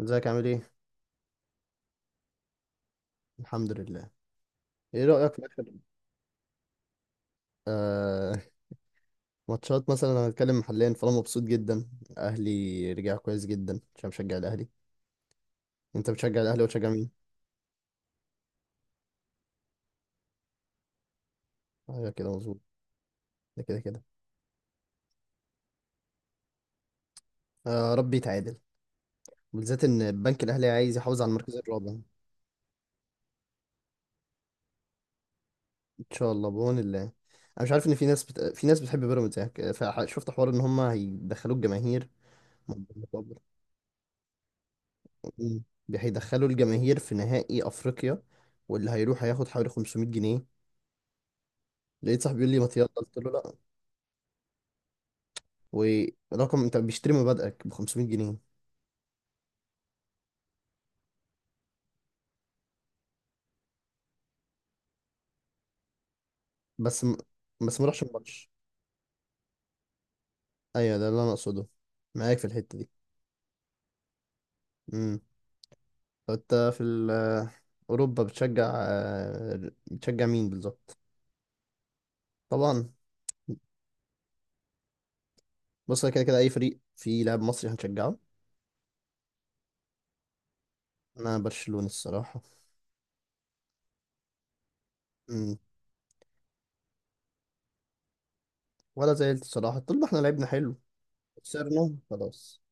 ازيك؟ عامل ايه؟ الحمد لله. ايه رأيك في اخر آه ماتشات مثلا؟ انا هتكلم محليا، فانا مبسوط جدا. اهلي رجع كويس جدا عشان بشجع الاهلي. انت بتشجع الاهلي وتشجع مين؟ ايوه كده مظبوط. ده كده كده. آه، ربي يتعادل، بالذات ان البنك الاهلي عايز يحافظ على المركز الرابع. ان شاء الله بعون الله. انا مش عارف ان في ناس بتحب بيراميدز يعني، فشفت حوار ان هم هيدخلوا الجماهير مقابل- مم. هيدخلوا الجماهير في نهائي افريقيا، واللي هيروح هياخد حوالي 500 جنيه. لقيت صاحبي بيقول لي ما يلا، قلت له لا. ورقم، انت بيشتري مبادئك ب 500 جنيه؟ بس م... بس ما راحش الماتش. ايوه ده اللي انا اقصده، معاك في الحته دي. امم. طب انت في اوروبا بتشجع، بتشجع مين بالظبط؟ طبعا. بص، أنا كده كده اي فريق فيه لاعب مصري هنشجعه. انا برشلونه الصراحه. امم. ولا زعلت الصراحه، طول ما احنا لعبنا حلو. خسرنا خلاص.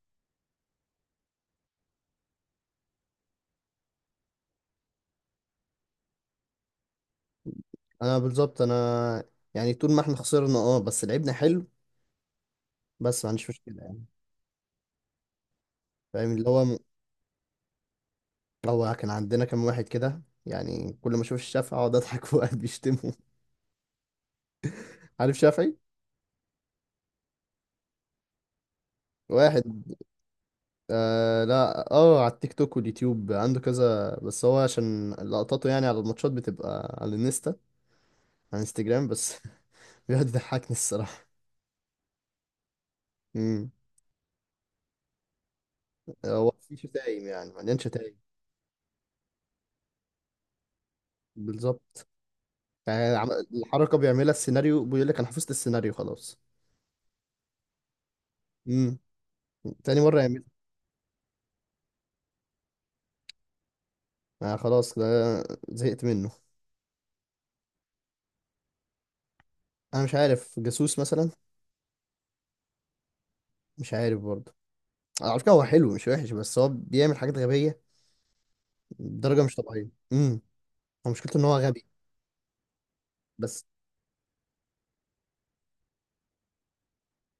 انا بالظبط يعني طول ما احنا خسرنا اه بس لعبنا حلو. بس ما عنديش مشكله يعني. فاهم اللي هو. هو كان عندنا كام واحد كده يعني، كل ما اشوف الشافعي اقعد اضحك وقاعد بيشتمه. عارف شافعي؟ واحد. آه، لا، اه، على التيك توك واليوتيوب عنده كذا، بس هو عشان لقطاته يعني على الماتشات بتبقى على الانستا. على انستجرام بس. بيقعد يضحكني الصراحة. امم. هو في شتايم يعني، مليان شتايم. بالظبط. يعني الحركة بيعملها السيناريو، بيقول لك انا حفظت السيناريو خلاص. امم. تاني مرة يعملها. آه خلاص ده، زهقت منه. انا مش عارف، جاسوس مثلا. مش عارف برضه. على فكرة هو حلو مش وحش، بس هو بيعمل حاجات غبية بدرجة مش طبيعية. امم. هو مشكلته ان هو غبي. بس.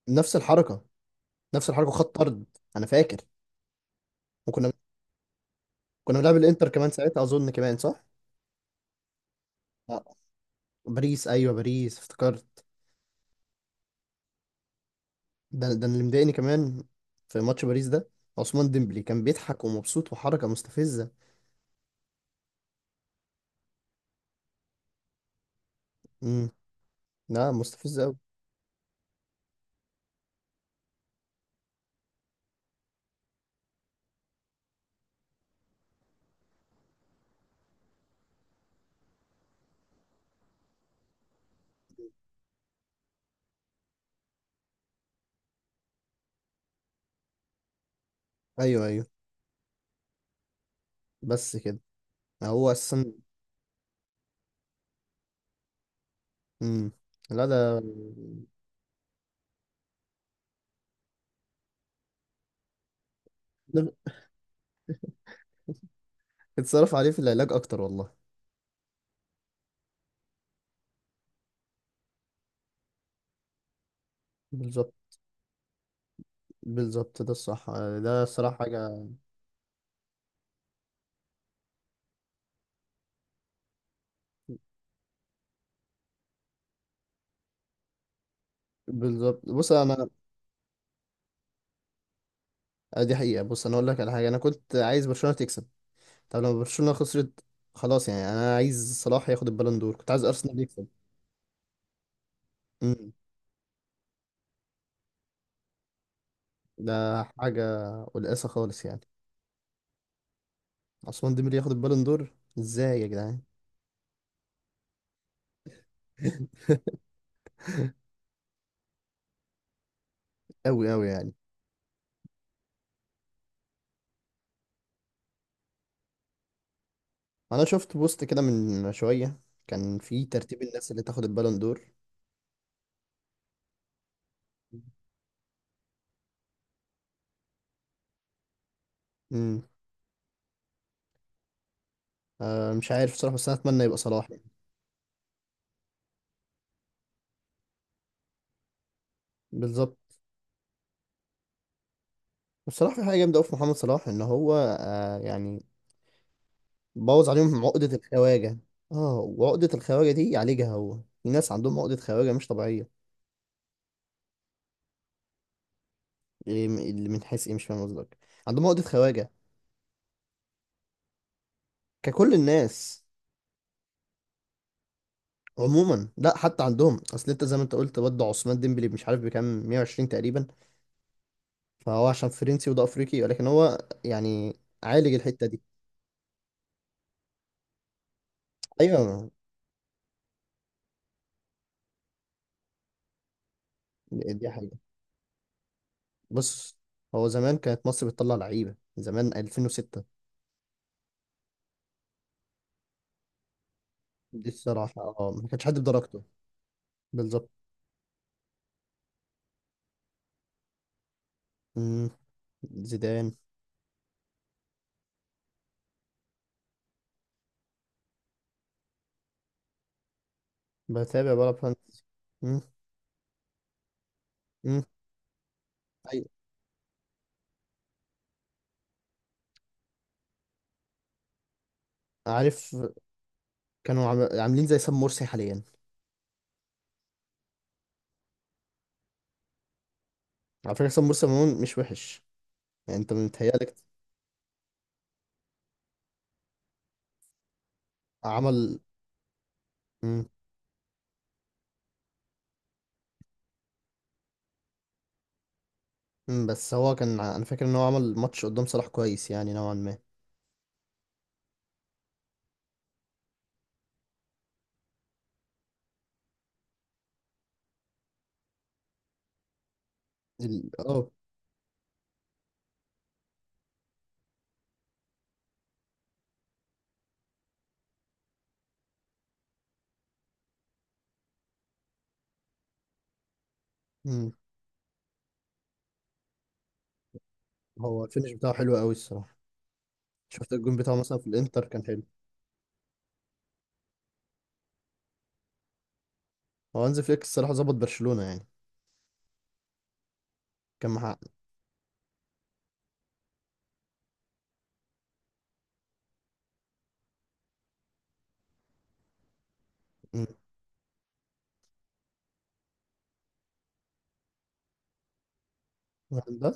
نفس الحركة. نفس الحركة، خط طرد. انا فاكر. وكنا، كنا بنلعب الانتر كمان ساعتها اظن، كمان صح؟ آه، باريس. ايوه باريس، افتكرت. ده اللي مضايقني كمان في ماتش باريس ده، عثمان ديمبلي كان بيضحك ومبسوط وحركة مستفزة. امم. لا مستفزة قوي. ايوه ايوه. بس كده. هو اساسا. امم. لا ده ده. اتصرف عليه في العلاج اكتر والله. بالظبط. بالظبط ده الصح. ده الصراحة حاجة. بالظبط. بص أنا، دي حقيقة. بص أنا أقول لك على حاجة، أنا كنت عايز برشلونة تكسب. طب لما برشلونة خسرت خلاص، يعني أنا عايز صلاح ياخد البالون دور، كنت عايز أرسنال يكسب. امم. ده حاجة قلقاسة خالص يعني. عثمان ديمبلي ياخد البالون دور؟ إزاي يا جدعان؟ أوي أوي يعني. أنا شفت بوست كده من شوية، كان في ترتيب الناس اللي تاخد البالون دور. امم. آه مش عارف بصراحة، بس أنا أتمنى يبقى صلاح يعني. بالظبط. بصراحة في حاجة جامدة أوي في محمد صلاح، إن هو، آه يعني، بوظ عليهم عقدة الخواجة. اه، وعقدة الخواجة دي يعالجها هو. في ناس عندهم عقدة خواجة مش طبيعية. إيه اللي من حيث إيه؟ مش فاهم قصدك. عندهم عقدة خواجة ككل الناس. عموما لا، حتى عندهم أصل. أنت زي ما أنت قلت برضه، عثمان ديمبلي مش عارف بكام، 120 تقريبا. فهو عشان فرنسي وده أفريقي، ولكن هو يعني عالج الحتة دي. أيوه. دي حاجة. بص، هو زمان كانت مصر بتطلع لعيبة زمان 2006. دي الصراحة اه، ما كانش حد بدرجته. بالظبط. مم. زيدان. بتابع بقى فرنسا. مم. مم. أيوة. عارف. كانوا عاملين زي سام مرسي حاليا. على فكرة سام مرسي عموما مش وحش، يعني انت متهيألك. عمل. مم. مم. بس هو كان انا فاكر ان هو عمل ماتش قدام صلاح كويس يعني نوعا ما. اه. مم. هو الفينش بتاعه حلو قوي الصراحة. شفت الجون بتاعه مثلا في الانتر، كان حلو. هو هانز فليك الصراحة ظبط برشلونة يعني. كان محقق. ده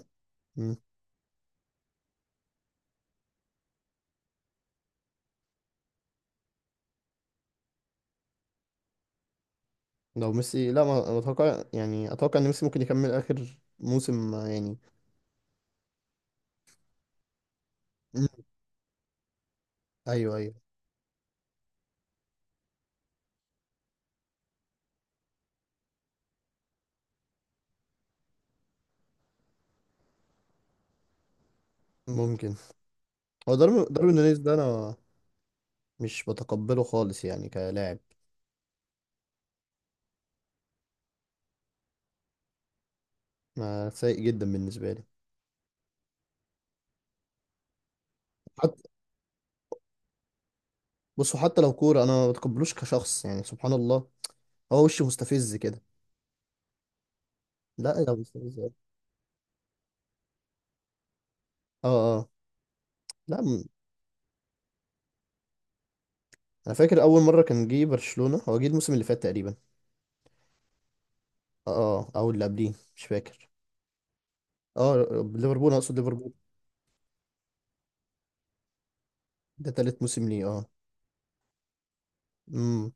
لو ميسي، لا، ما اتوقع يعني، اتوقع ان ميسي ممكن يكمل اخر موسم، آه، يعني. مم. ايوه ايوه. ممكن. هو داروين نونيز ده انا مش بتقبله خالص يعني كلاعب. ما سيء جدا بالنسبه لي. حتى بصوا، حتى لو كوره انا ما بتقبلوش كشخص، يعني سبحان الله، هو وشه مستفز كده. لا لا، مستفز أوي. اه. اه. لا انا فاكر اول مره كان جه برشلونه، هو جه الموسم اللي فات تقريبا. اه. آه، او اللي قبليه مش فاكر. اه، ليفربول، أنا اقصد ليفربول. ده تالت موسم ليه. اه. امم.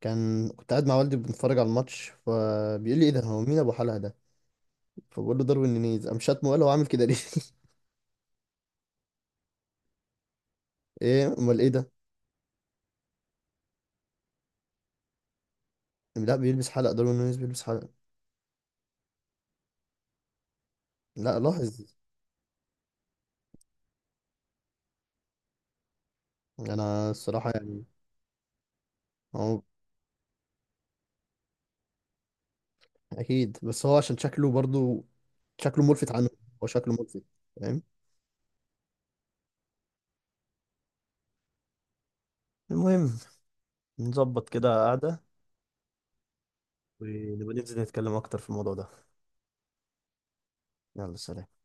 كان كنت قاعد مع والدي بنتفرج على الماتش، فبيقول لي ايه ده، هو مين ابو حلقه ده؟ فبقول له داروين نونيز، قام شاتمه وقال هو عامل كده ليه. ايه امال ايه ده؟ لا بيلبس حلقه، داروين نونيز بيلبس حلقه. لا لاحظ. انا الصراحه يعني. هو اكيد بس هو عشان شكله برضو، شكله ملفت عنه. هو شكله ملفت. فاهم. المهم، نظبط كده قعده، ونبقى ننزل نتكلم اكتر في الموضوع ده. يلا سلام.